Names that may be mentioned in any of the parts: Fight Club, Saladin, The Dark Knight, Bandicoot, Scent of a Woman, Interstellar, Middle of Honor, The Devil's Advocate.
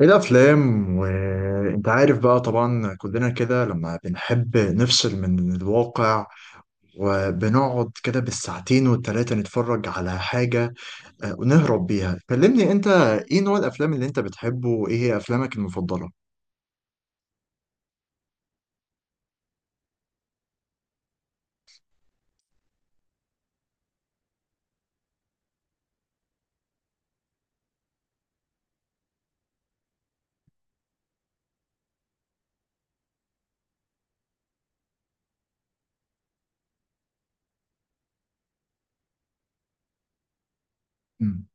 ايه الافلام وانت عارف بقى طبعا كلنا كده لما بنحب نفصل من الواقع، وبنقعد كده بالساعتين والتلاتة نتفرج على حاجة، ونهرب بيها. كلمني انت، ايه نوع الافلام اللي انت بتحبه وايه هي افلامك المفضلة؟ مم.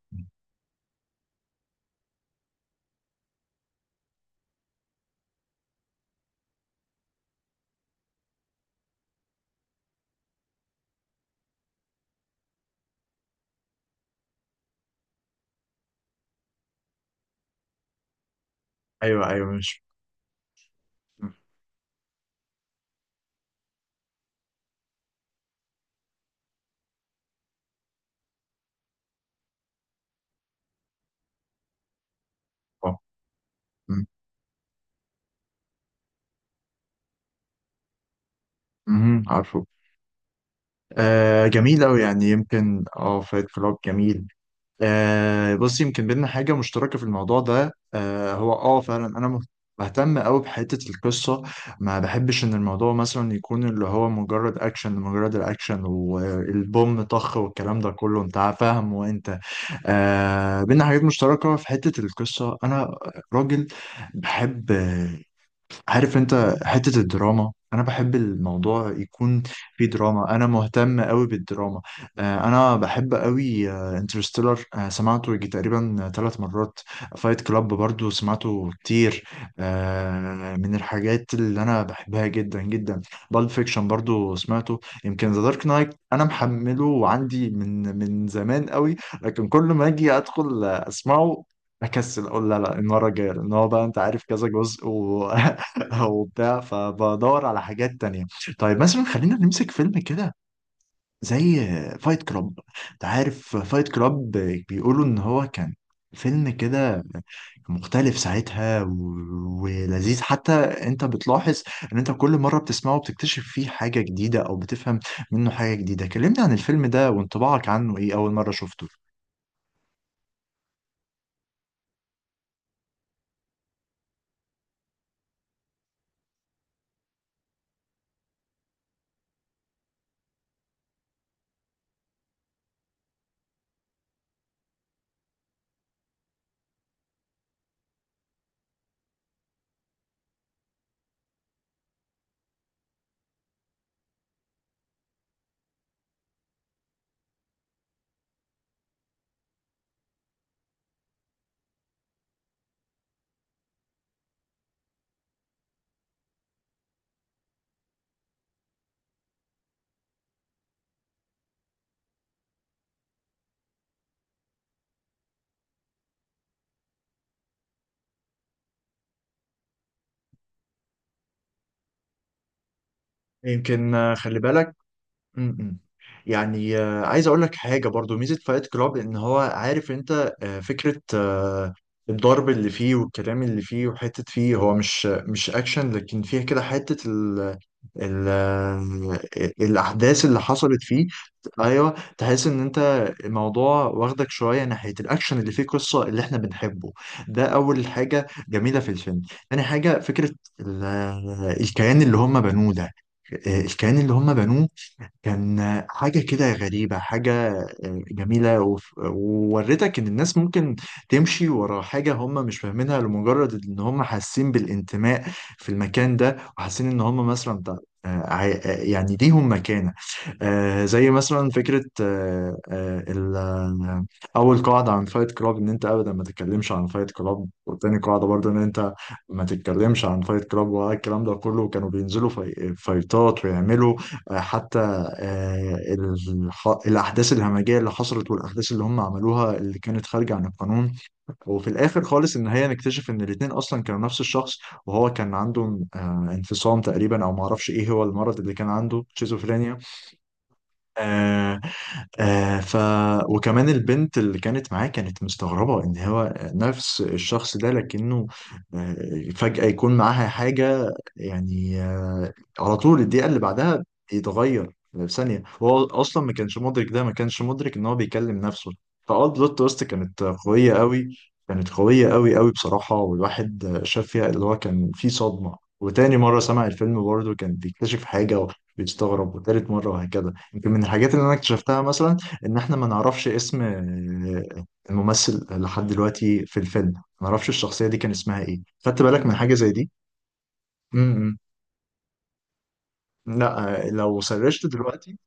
ايوه ايوه، مش اه. مم. مهم، عارفه. آه جميل أوي، يعني يمكن اه فايت كلاب جميل. آه بص، يمكن بينا حاجة مشتركة في الموضوع ده، آه هو اه فعلا انا بهتم قوي بحتة القصة. ما بحبش ان الموضوع مثلا يكون اللي هو مجرد اكشن لمجرد الاكشن والبوم طخ والكلام ده كله، انت فاهم. وانت بينا حاجات مشتركة في حتة القصة. انا راجل بحب، عارف انت، حتة الدراما. انا بحب الموضوع يكون فيه دراما، انا مهتم قوي بالدراما. انا بحب قوي انترستيلر، سمعته يجي تقريبا 3 مرات. فايت كلاب برضو سمعته كتير، من الحاجات اللي انا بحبها جدا جدا. بالب فيكشن برضو سمعته، يمكن ذا دارك نايت انا محمله وعندي من زمان قوي، لكن كل ما اجي ادخل اسمعه اكسل اقول لا لا، المره الجايه، لان هو بقى انت عارف كذا جزء و او بتاع، فبدور على حاجات تانية. طيب مثلا خلينا نمسك فيلم كده زي فايت كلاب. انت عارف فايت كلاب؟ بيقولوا ان هو كان فيلم كده مختلف ساعتها ولذيذ. حتى انت بتلاحظ ان انت كل مرة بتسمعه بتكتشف فيه حاجة جديدة او بتفهم منه حاجة جديدة. كلمني عن الفيلم ده وانطباعك عنه ايه اول مرة شفته. يمكن خلي بالك. م-م. يعني عايز اقول لك حاجه برضو، ميزه فايت كلاب ان هو، عارف انت، فكره، الضرب اللي فيه والكلام اللي فيه وحته فيه، هو مش اكشن لكن فيها كده حته ال الاحداث اللي حصلت فيه. ايوه تحس ان انت، الموضوع واخدك شويه ناحيه الاكشن اللي فيه قصه اللي احنا بنحبه، ده اول حاجه جميله في الفيلم. تاني حاجه، فكره الكيان اللي هم بنوه ده، الكيان اللي هم بنوه كان حاجة كده غريبة، حاجة جميلة. وورتك إن الناس ممكن تمشي ورا حاجة هم مش فاهمينها لمجرد إن هم حاسين بالانتماء في المكان ده، وحاسين إن هم مثلا بتاع يعني ليهم مكانة. زي مثلا فكرة أول قاعدة عن فايت كلاب إن أنت أبدا ما تتكلمش عن فايت كلاب، وتاني قاعدة برضه إن أنت ما تتكلمش عن فايت كلاب، والكلام ده كله. كانوا بينزلوا فايتات ويعملوا حتى آه، الأحداث الهمجية اللي حصلت، والأحداث اللي هم عملوها اللي كانت خارجة عن القانون. وفي الآخر خالص إن هي نكتشف إن الاتنين أصلا كانوا نفس الشخص، وهو كان عنده انفصام تقريبا، أو معرفش إيه هو المرض اللي كان عنده، شيزوفرينيا. آه آه ف وكمان البنت اللي كانت معاه كانت مستغربة ان هو نفس الشخص ده، لكنه آه فجأة يكون معاها حاجة، يعني على طول الدقيقة اللي بعدها يتغير في ثانية. هو اصلا ما كانش مدرك ده، ما كانش مدرك ان هو بيكلم نفسه. فاه، بلوت تويست كانت قوية قوي، كانت قوية قوي قوي بصراحة. والواحد شاف فيها اللي هو كان فيه صدمة. وتاني مرة سمع الفيلم برضه كان بيكتشف حاجة وبيستغرب، وتالت مرة وهكذا. يمكن من الحاجات اللي انا اكتشفتها مثلا ان احنا ما نعرفش اسم الممثل لحد دلوقتي في الفيلم. ما نعرفش الشخصية دي كان اسمها ايه. خدت بالك من حاجة زي دي؟ امم لا لو سرشت دلوقتي،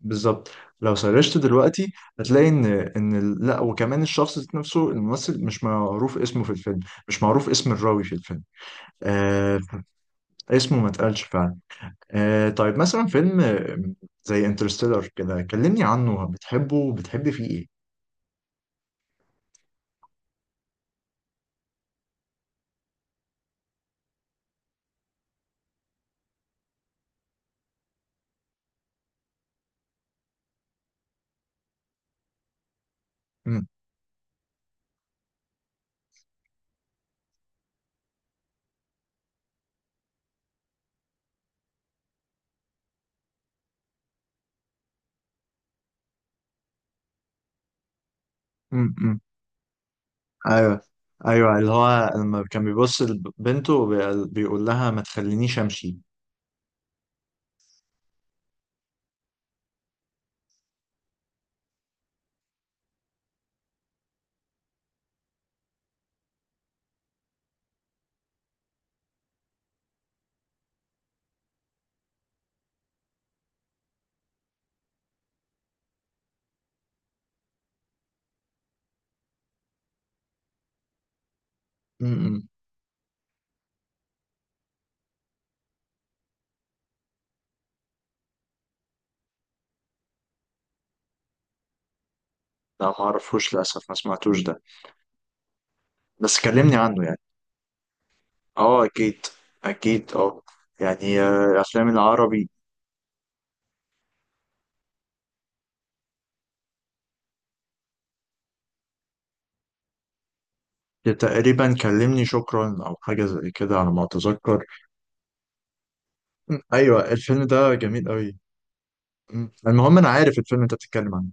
بالظبط. لو سرشت دلوقتي هتلاقي ان لا، وكمان الشخص ذات نفسه الممثل مش معروف اسمه في الفيلم، مش معروف اسم الراوي في الفيلم. آه، اسمه ما اتقالش فعلا. آه طيب مثلا فيلم زي انترستيلر كده، كلمني عنه بتحبه، بتحب فيه ايه؟ امم، ايوه ايوه، اللي هو لما كان بيبص لبنته بيقول لها ما تخلينيش امشي. امم لا ما اعرفوش للاسف، ما سمعتوش ده، بس كلمني عنه يعني. اه اكيد، اكيد اه. يعني الافلام العربي تقريبا، كلمني شكرا او حاجه زي كده على ما اتذكر. ايوه الفيلم ده جميل قوي. مم. المهم انا عارف الفيلم انت بتتكلم عنه.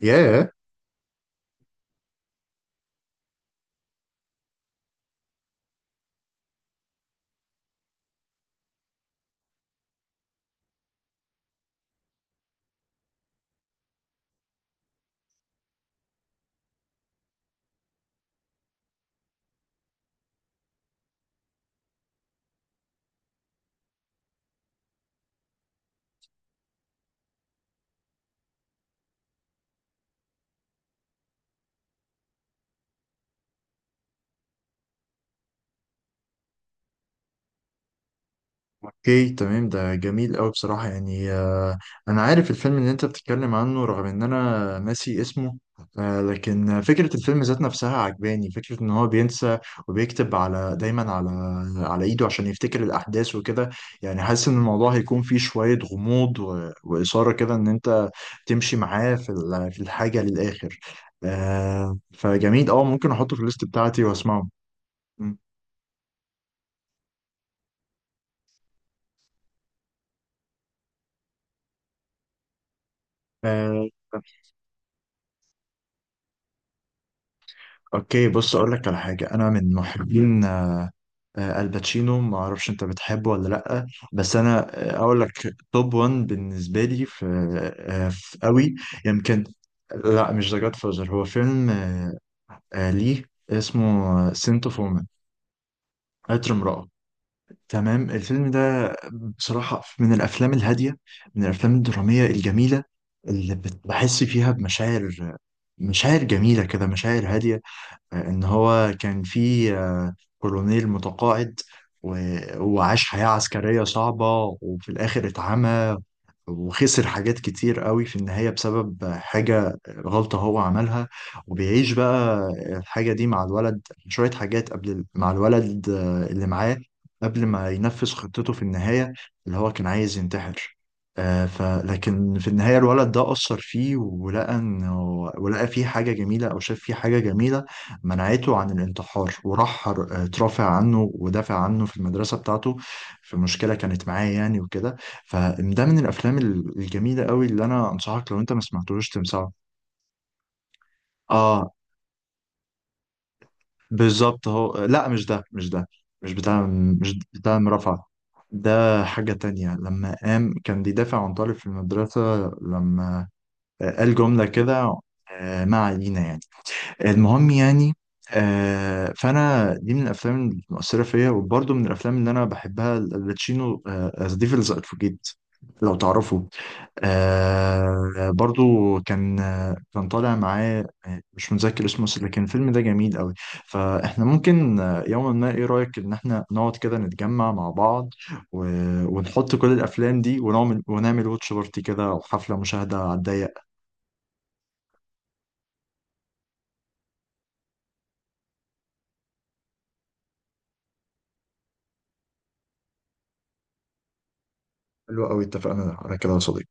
ياه. اوكي تمام، ده جميل قوي بصراحة يعني. انا عارف الفيلم اللي انت بتتكلم عنه رغم ان انا ناسي اسمه. لكن فكرة الفيلم ذات نفسها عجباني، فكرة ان هو بينسى وبيكتب دايما على ايده عشان يفتكر الاحداث وكده. يعني حاسس ان الموضوع هيكون فيه شوية غموض وإثارة كده، ان انت تمشي معاه في في الحاجة للآخر. فجميل اه، ممكن احطه في الليست بتاعتي واسمعه. م. اوكي بص، اقول لك على حاجه، انا من محبين الباتشينو، ما اعرفش انت بتحبه ولا لا، بس انا اقول لك توب 1 بالنسبه لي، في, آه، آه، في قوي يمكن. لا مش ذا جاد فازر، هو فيلم ليه، اسمه سنت اوف وومن، عطر امراه. تمام. الفيلم ده بصراحه من الافلام الهاديه، من الافلام الدراميه الجميله، اللي بحس فيها بمشاعر، مشاعر جميله كده، مشاعر هاديه. ان هو كان في كولونيل متقاعد و- وعاش حياة عسكرية صعبة، وفي الآخر اتعمى وخسر حاجات كتير قوي في النهاية بسبب حاجة، غلطة هو عملها. وبيعيش بقى الحاجة دي مع الولد، شوية حاجات قبل مع الولد اللي معاه قبل ما ينفذ خطته في النهاية، اللي هو كان عايز ينتحر. آه، ف لكن في النهاية الولد ده أثر فيه، ولقى فيه حاجة جميلة، أو شاف فيه حاجة جميلة منعته عن الانتحار. وراح ترافع عنه ودافع عنه في المدرسة بتاعته، في مشكلة كانت معاه يعني وكده. فده من الافلام الجميله قوي اللي انا انصحك، لو انت ما سمعتوش تمسحه. اه بالظبط. هو لا، مش ده مش ده، مش بتاع مش بتاع مرافعة، ده حاجة تانية. لما قام كان بيدافع عن طالب في المدرسة، لما قال جملة كده، ما علينا يعني، المهم يعني. فأنا دي من الأفلام المؤثرة فيا، وبرضه من الأفلام اللي أنا بحبها الباتشينو ذا ديفلز أدفوكيت لو تعرفوا. آه برضو كان كان طالع معاه مش متذكر اسمه، بس لكن الفيلم ده جميل قوي. فاحنا ممكن يوما ما، ايه رأيك ان احنا نقعد كده نتجمع مع بعض و... ونحط كل الافلام دي ونعمل، واتش بارتي كده، او حفلة مشاهدة على الضيق. حلو قوي، اتفقنا على كده يا صديقي.